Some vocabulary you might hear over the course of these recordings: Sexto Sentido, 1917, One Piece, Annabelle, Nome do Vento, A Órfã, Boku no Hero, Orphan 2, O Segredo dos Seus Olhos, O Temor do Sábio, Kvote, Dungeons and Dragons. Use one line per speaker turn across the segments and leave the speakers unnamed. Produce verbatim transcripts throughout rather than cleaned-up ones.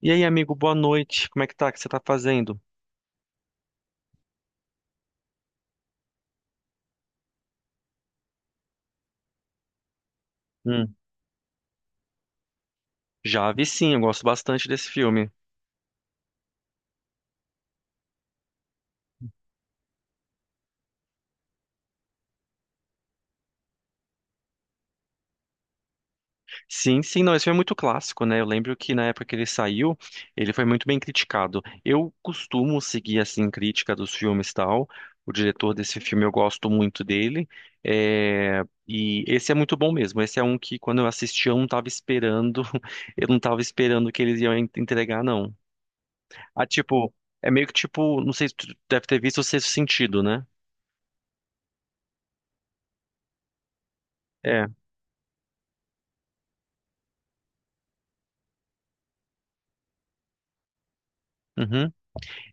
E aí, amigo, boa noite. Como é que tá? O que você tá fazendo? Hum, já vi sim, eu gosto bastante desse filme. Sim, sim, não, esse filme é muito clássico, né? Eu lembro que na época que ele saiu, ele foi muito bem criticado. Eu costumo seguir, assim, crítica dos filmes e tal. O diretor desse filme, eu gosto muito dele. É, E esse é muito bom mesmo. Esse é um que, quando eu assisti, eu não tava esperando. Eu não tava esperando que eles iam en- entregar, não. Ah, tipo, é meio que tipo, não sei se tu deve ter visto o Sexto Sentido, né? É. Uhum.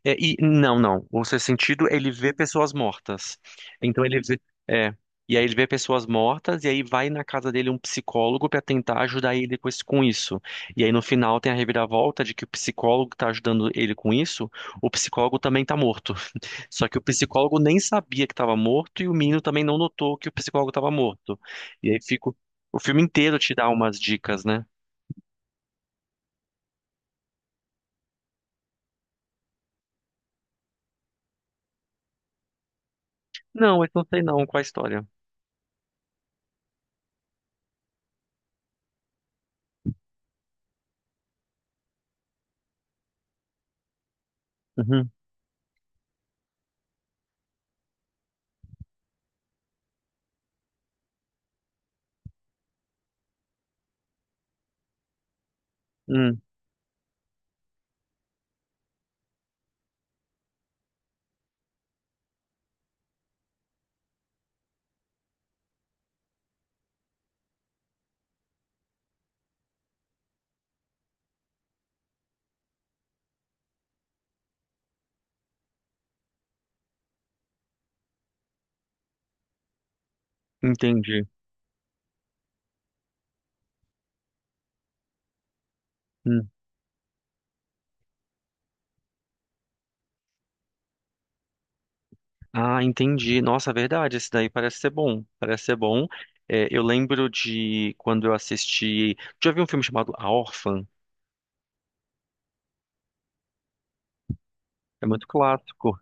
É, e não, não. O sexto sentido, é ele vê pessoas mortas. Então ele vê, é, e aí ele vê pessoas mortas e aí vai na casa dele um psicólogo para tentar ajudar ele com isso, com isso. E aí no final tem a reviravolta de que o psicólogo que tá ajudando ele com isso, o psicólogo também tá morto. Só que o psicólogo nem sabia que estava morto e o menino também não notou que o psicólogo estava morto. E aí fica o o filme inteiro te dá umas dicas, né? Não, eu não sei não qual é a história. Uhum, hum, entendi. Hum. Ah, entendi. Nossa, é verdade. Esse daí parece ser bom. Parece ser bom. É, eu lembro de quando eu assisti. Já vi um filme chamado A Órfã? É muito clássico.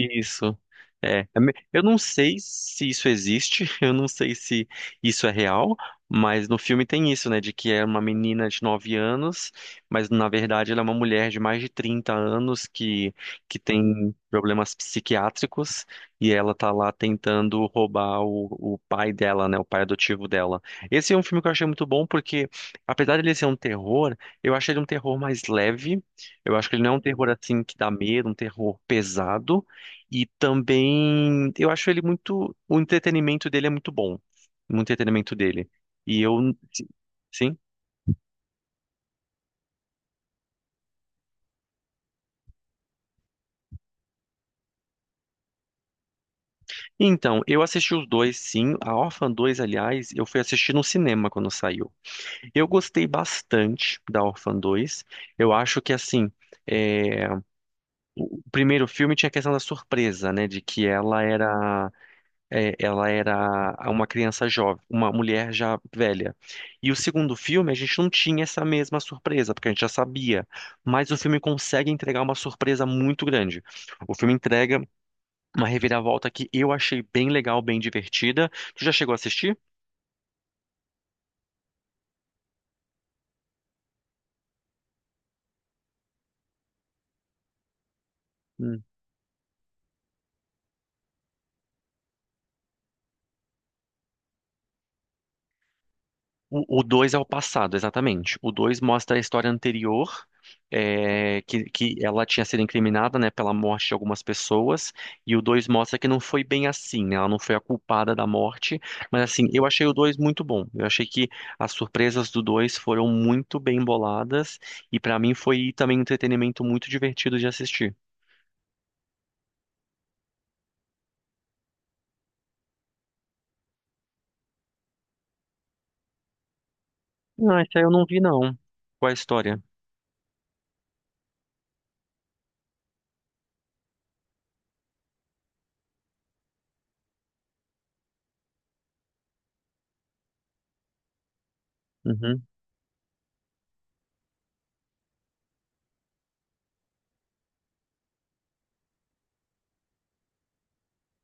Isso. É. É me- Eu não sei se isso existe, eu não sei se isso é real, mas no filme tem isso, né? De que é uma menina de nove anos, mas na verdade ela é uma mulher de mais de trinta anos que, que tem problemas psiquiátricos e ela tá lá tentando roubar o, o pai dela, né? O pai adotivo dela. Esse é um filme que eu achei muito bom porque, apesar dele ser um terror, eu achei ele um terror mais leve. Eu acho que ele não é um terror assim que dá medo, um terror pesado. E também, eu acho ele muito, o entretenimento dele é muito bom, o entretenimento dele. E eu, sim. Então, eu assisti os dois, sim. A Orphan dois, aliás, eu fui assistir no cinema quando saiu. Eu gostei bastante da Orphan dois. Eu acho que, assim, é, o o primeiro filme tinha a questão da surpresa, né, de que ela era. É, ela era uma criança jovem, uma mulher já velha. E o segundo filme, a gente não tinha essa mesma surpresa, porque a gente já sabia. Mas o filme consegue entregar uma surpresa muito grande. O filme entrega uma reviravolta que eu achei bem legal, bem divertida. Tu já chegou a assistir? O dois é o passado, exatamente. O dois mostra a história anterior, é, que, que ela tinha sido incriminada, né, pela morte de algumas pessoas, e o dois mostra que não foi bem assim, né, ela não foi a culpada da morte, mas assim, eu achei o dois muito bom. Eu achei que as surpresas do dois foram muito bem boladas, e pra mim foi também um entretenimento muito divertido de assistir. Não, esse aí eu não vi, não. Qual é a história? Uhum.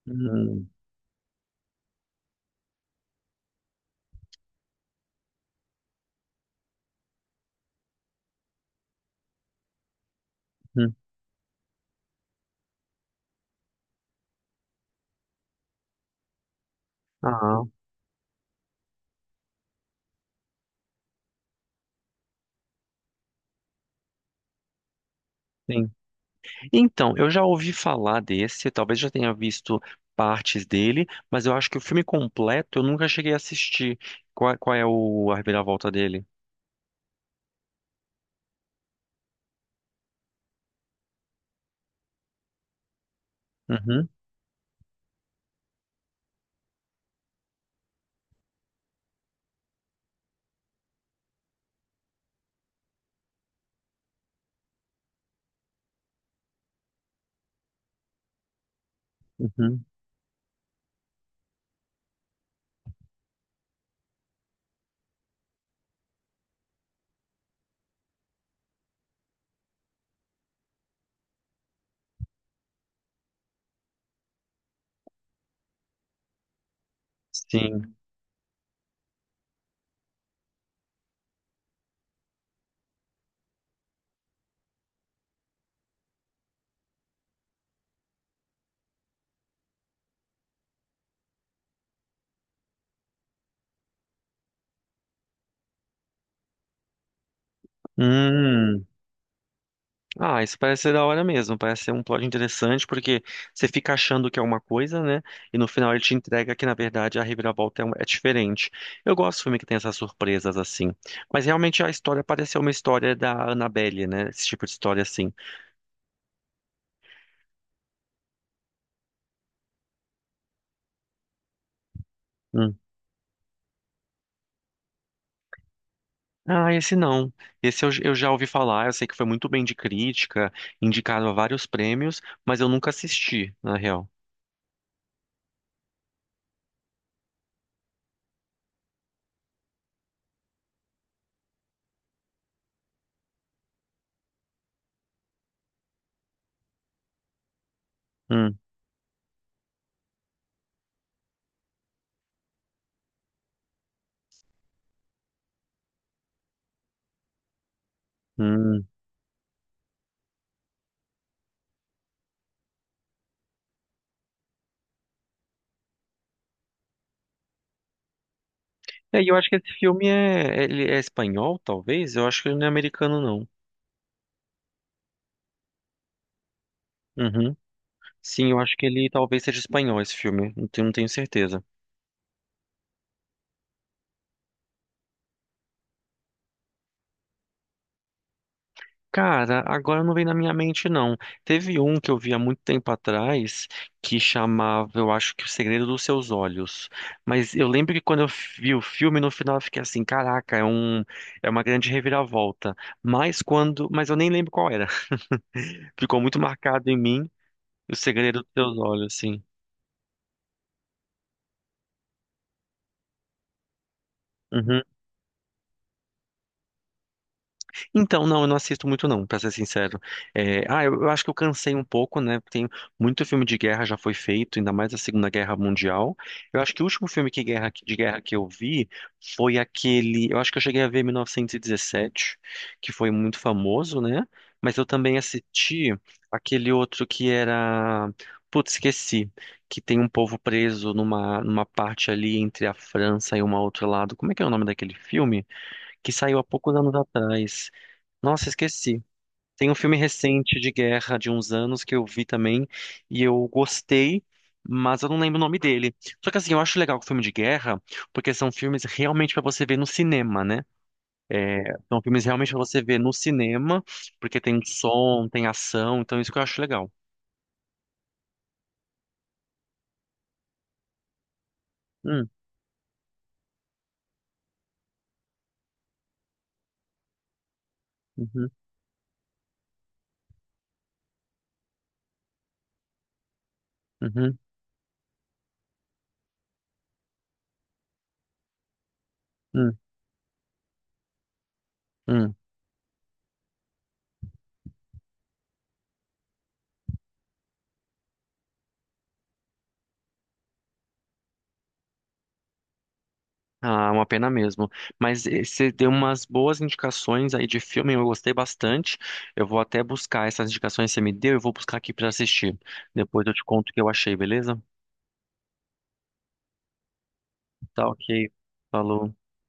Uhum. Uhum. Ah, sim. Então, eu já ouvi falar desse, talvez já tenha visto partes dele, mas eu acho que o filme completo eu nunca cheguei a assistir. Qual, qual é o a reviravolta dele? Uhum, uhum, sim. Hum. Ah, isso parece ser da hora mesmo, parece ser um plot interessante, porque você fica achando que é uma coisa, né? E no final ele te entrega que, na verdade, a reviravolta é, um- é diferente. Eu gosto de filme que tem essas surpresas assim. Mas realmente a história pareceu uma história da Annabelle, né? Esse tipo de história assim. Ah, esse não. Esse eu, eu já ouvi falar, eu sei que foi muito bem de crítica, indicado a vários prêmios, mas eu nunca assisti, na real. Hum, hum. É, E eu acho que esse filme é, ele é espanhol, talvez? Eu acho que ele não é americano, não. Uhum. Sim, eu acho que ele talvez seja espanhol, esse filme. Não tenho, não tenho certeza. Cara, agora não vem na minha mente, não. Teve um que eu vi há muito tempo atrás que chamava, eu acho que O Segredo dos Seus Olhos. Mas eu lembro que quando eu vi o filme, no final eu fiquei assim, caraca, é um, é uma grande reviravolta. Mas quando, mas eu nem lembro qual era. Ficou muito marcado em mim O Segredo dos Seus Olhos, assim. Então, não, eu não assisto muito não, pra ser sincero. É, ah, eu, eu acho que eu cansei um pouco, né? Tem muito filme de guerra já foi feito, ainda mais a Segunda Guerra Mundial. Eu acho que o último filme que guerra- de guerra que eu vi foi aquele, eu acho que eu cheguei a ver em mil novecentos e dezessete, que foi muito famoso, né? Mas eu também assisti aquele outro que era, putz, esqueci, que tem um povo preso numa numa parte ali entre a França e um outro lado. Como é que é o nome daquele filme? Que saiu há poucos anos atrás. Nossa, esqueci. Tem um filme recente de guerra de uns anos que eu vi também e eu gostei, mas eu não lembro o nome dele. Só que assim, eu acho legal o filme de guerra, porque são filmes realmente pra você ver no cinema, né? São filmes realmente pra você ver no cinema, porque tem som, tem ação, então isso que eu acho legal. Hum, uhum, uhum, hum, hum. Ah, uma pena mesmo. Mas eh, você deu umas boas indicações aí de filme, eu gostei bastante. Eu vou até buscar essas indicações que você me deu, eu vou buscar aqui para assistir. Depois eu te conto o que eu achei, beleza? Tá ok. Falou.